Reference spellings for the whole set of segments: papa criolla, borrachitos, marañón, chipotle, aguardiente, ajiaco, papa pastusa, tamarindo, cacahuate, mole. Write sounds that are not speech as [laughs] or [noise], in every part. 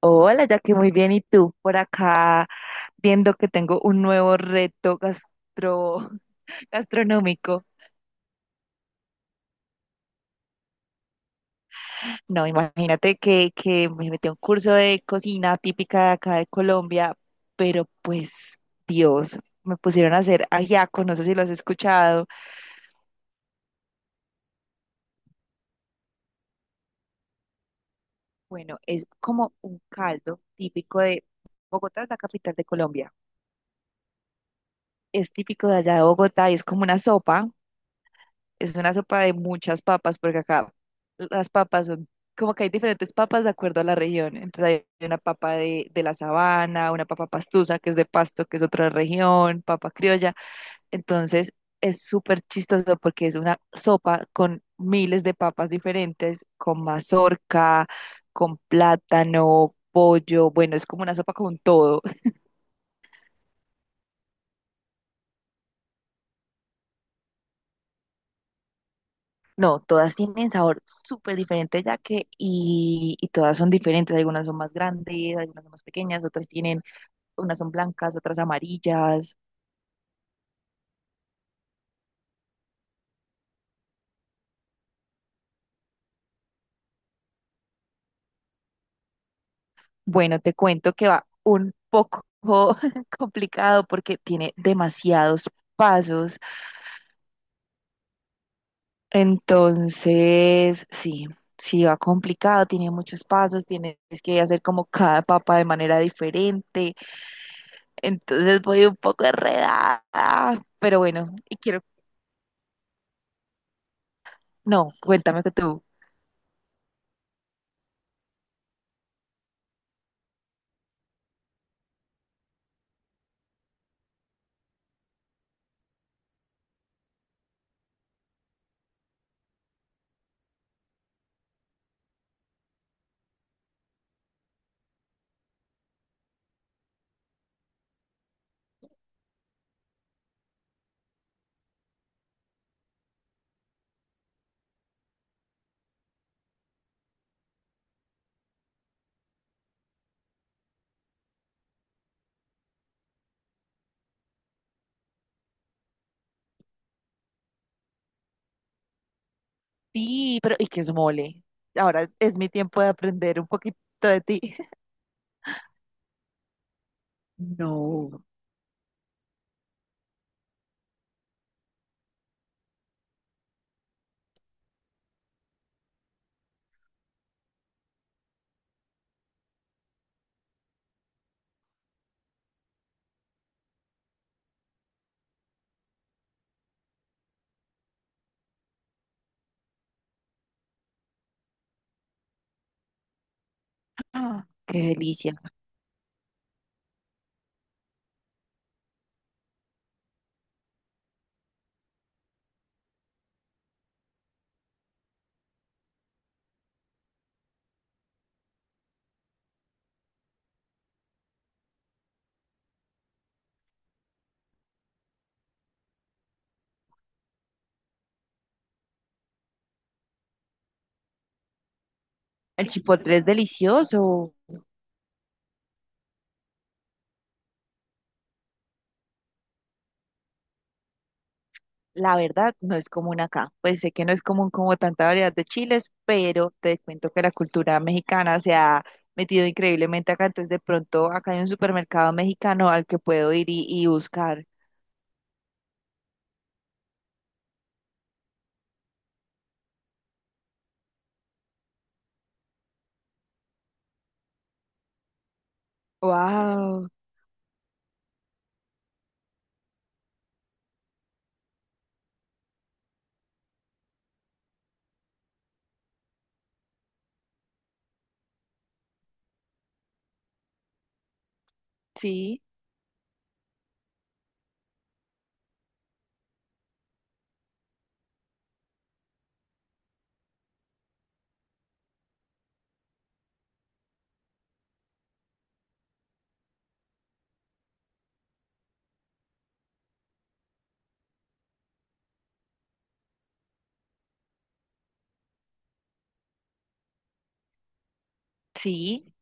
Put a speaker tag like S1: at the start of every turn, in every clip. S1: Hola, ya que muy bien. ¿Y tú? Por acá viendo que tengo un nuevo reto gastro, [laughs] gastronómico. No, imagínate que me metí a un curso de cocina típica de acá de Colombia, pero pues, Dios, me pusieron a hacer ajiaco, no sé si lo has escuchado. Bueno, es como un caldo típico de Bogotá, es la capital de Colombia. Es típico de allá de Bogotá y es como una sopa de muchas papas, porque acá las papas son, como que hay diferentes papas de acuerdo a la región. Entonces hay una papa de la sabana, una papa pastusa, que es de Pasto, que es otra región, papa criolla. Entonces es súper chistoso porque es una sopa con miles de papas diferentes, con mazorca, con plátano, pollo. Bueno, es como una sopa con todo. No, todas tienen sabor súper diferente ya que y todas son diferentes. Algunas son más grandes, algunas son más pequeñas, otras tienen, unas son blancas, otras amarillas. Bueno, te cuento que va un poco [laughs] complicado porque tiene demasiados pasos. Entonces, sí, sí va complicado, tiene muchos pasos, tienes que hacer como cada papa de manera diferente. Entonces voy un poco enredada, pero bueno, y quiero. No, cuéntame que tú. Sí, pero ¿y qué es mole? Ahora es mi tiempo de aprender un poquito de ti. [laughs] No. Ah, qué delicia. El chipotle es delicioso. La verdad, no es común acá. Pues sé que no es común como tanta variedad de chiles, pero te cuento que la cultura mexicana se ha metido increíblemente acá. Entonces, de pronto, acá hay un supermercado mexicano al que puedo ir y buscar. Wow, sí. Sí,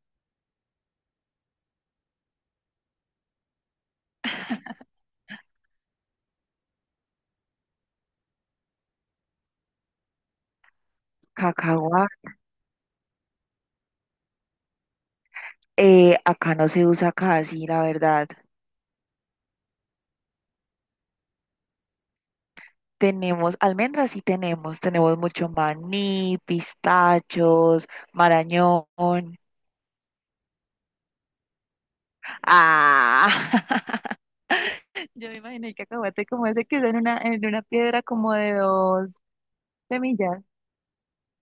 S1: cacahua. Acá no se usa casi, la verdad. Tenemos almendras, sí tenemos. Tenemos mucho maní, pistachos, marañón. Ah, [laughs] yo me imaginé el cacahuate como ese que es en una piedra como de dos semillas,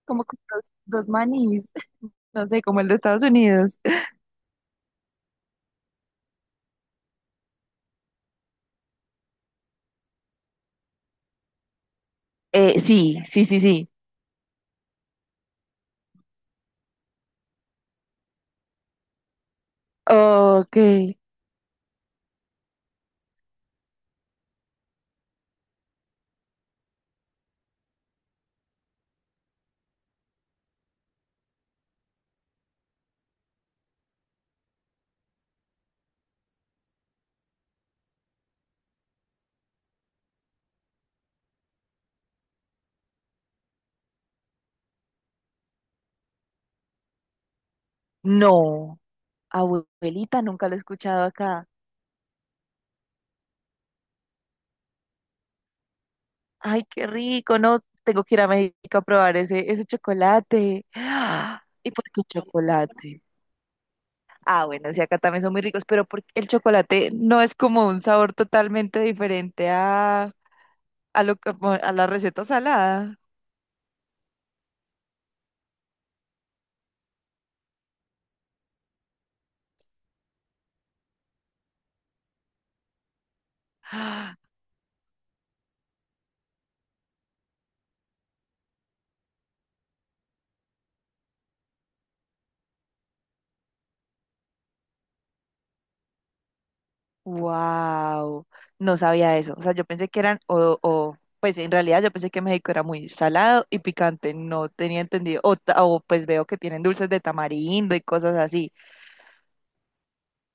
S1: como con dos, dos manís, [laughs] no sé, como el de Estados Unidos. Sí, sí, sí, sí. Ok. No, abuelita, nunca lo he escuchado acá. Ay, qué rico, no, tengo que ir a México a probar ese, ese chocolate. [gasps] ¿Y por qué chocolate? Ah, bueno, sí, acá también son muy ricos, pero porque el chocolate no es como un sabor totalmente diferente a lo que- a la receta salada. [gasps] Wow, no sabía eso. O sea, yo pensé que eran, o, pues en realidad yo pensé que México era muy salado y picante, no tenía entendido. O, ta- o pues veo que tienen dulces de tamarindo y cosas así,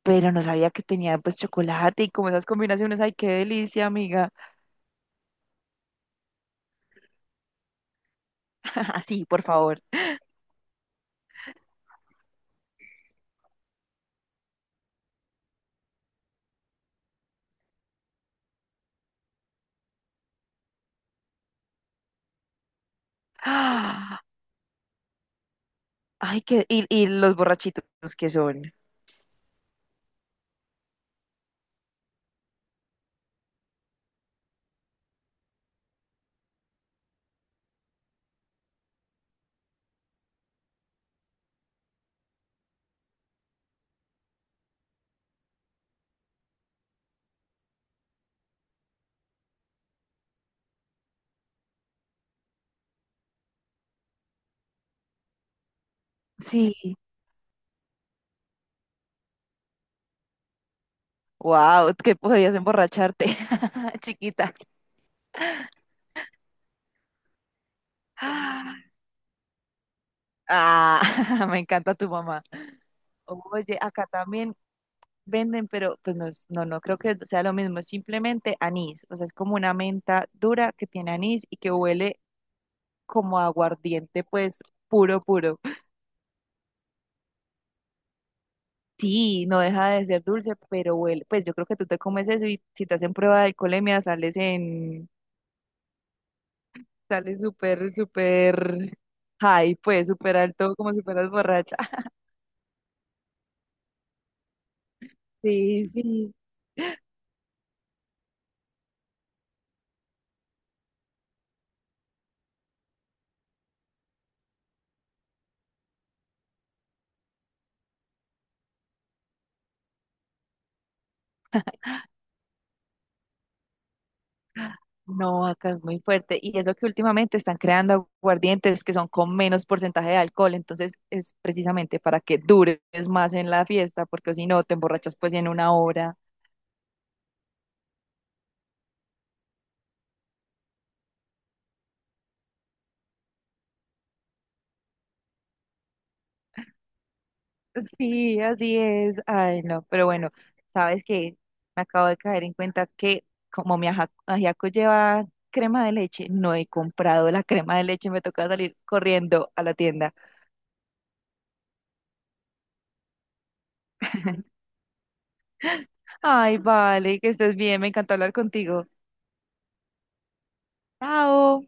S1: pero no sabía que tenían pues chocolate y como esas combinaciones. Ay, qué delicia, amiga. [laughs] Así, por favor. [gasps] Ay, que, y los borrachitos que son. Sí. Wow, que podías emborracharte, [laughs] chiquita. Ah, [laughs] me encanta tu mamá. Oye, acá también venden, pero pues no, es- no, no creo que sea lo mismo, es simplemente anís, o sea, es como una menta dura que tiene anís y que huele como a aguardiente, pues puro, puro. Sí, no deja de ser dulce, pero huele, pues yo creo que tú te comes eso y si te hacen prueba de alcoholemia sales en. Sale súper, súper high, pues súper alto, como si fueras borracha. [laughs] Sí, sí. No, acá es muy fuerte. Y es lo que últimamente están creando aguardientes que son con menos porcentaje de alcohol. Entonces es precisamente para que dures más en la fiesta, porque si no te emborrachas pues en una hora. Sí, así es. Ay, no, pero bueno, sabes que me acabo de caer en cuenta que como mi aja- ajiaco lleva crema de leche, no he comprado la crema de leche, me toca salir corriendo a la tienda. Ay, vale, que estés bien, me encantó hablar contigo. Chao.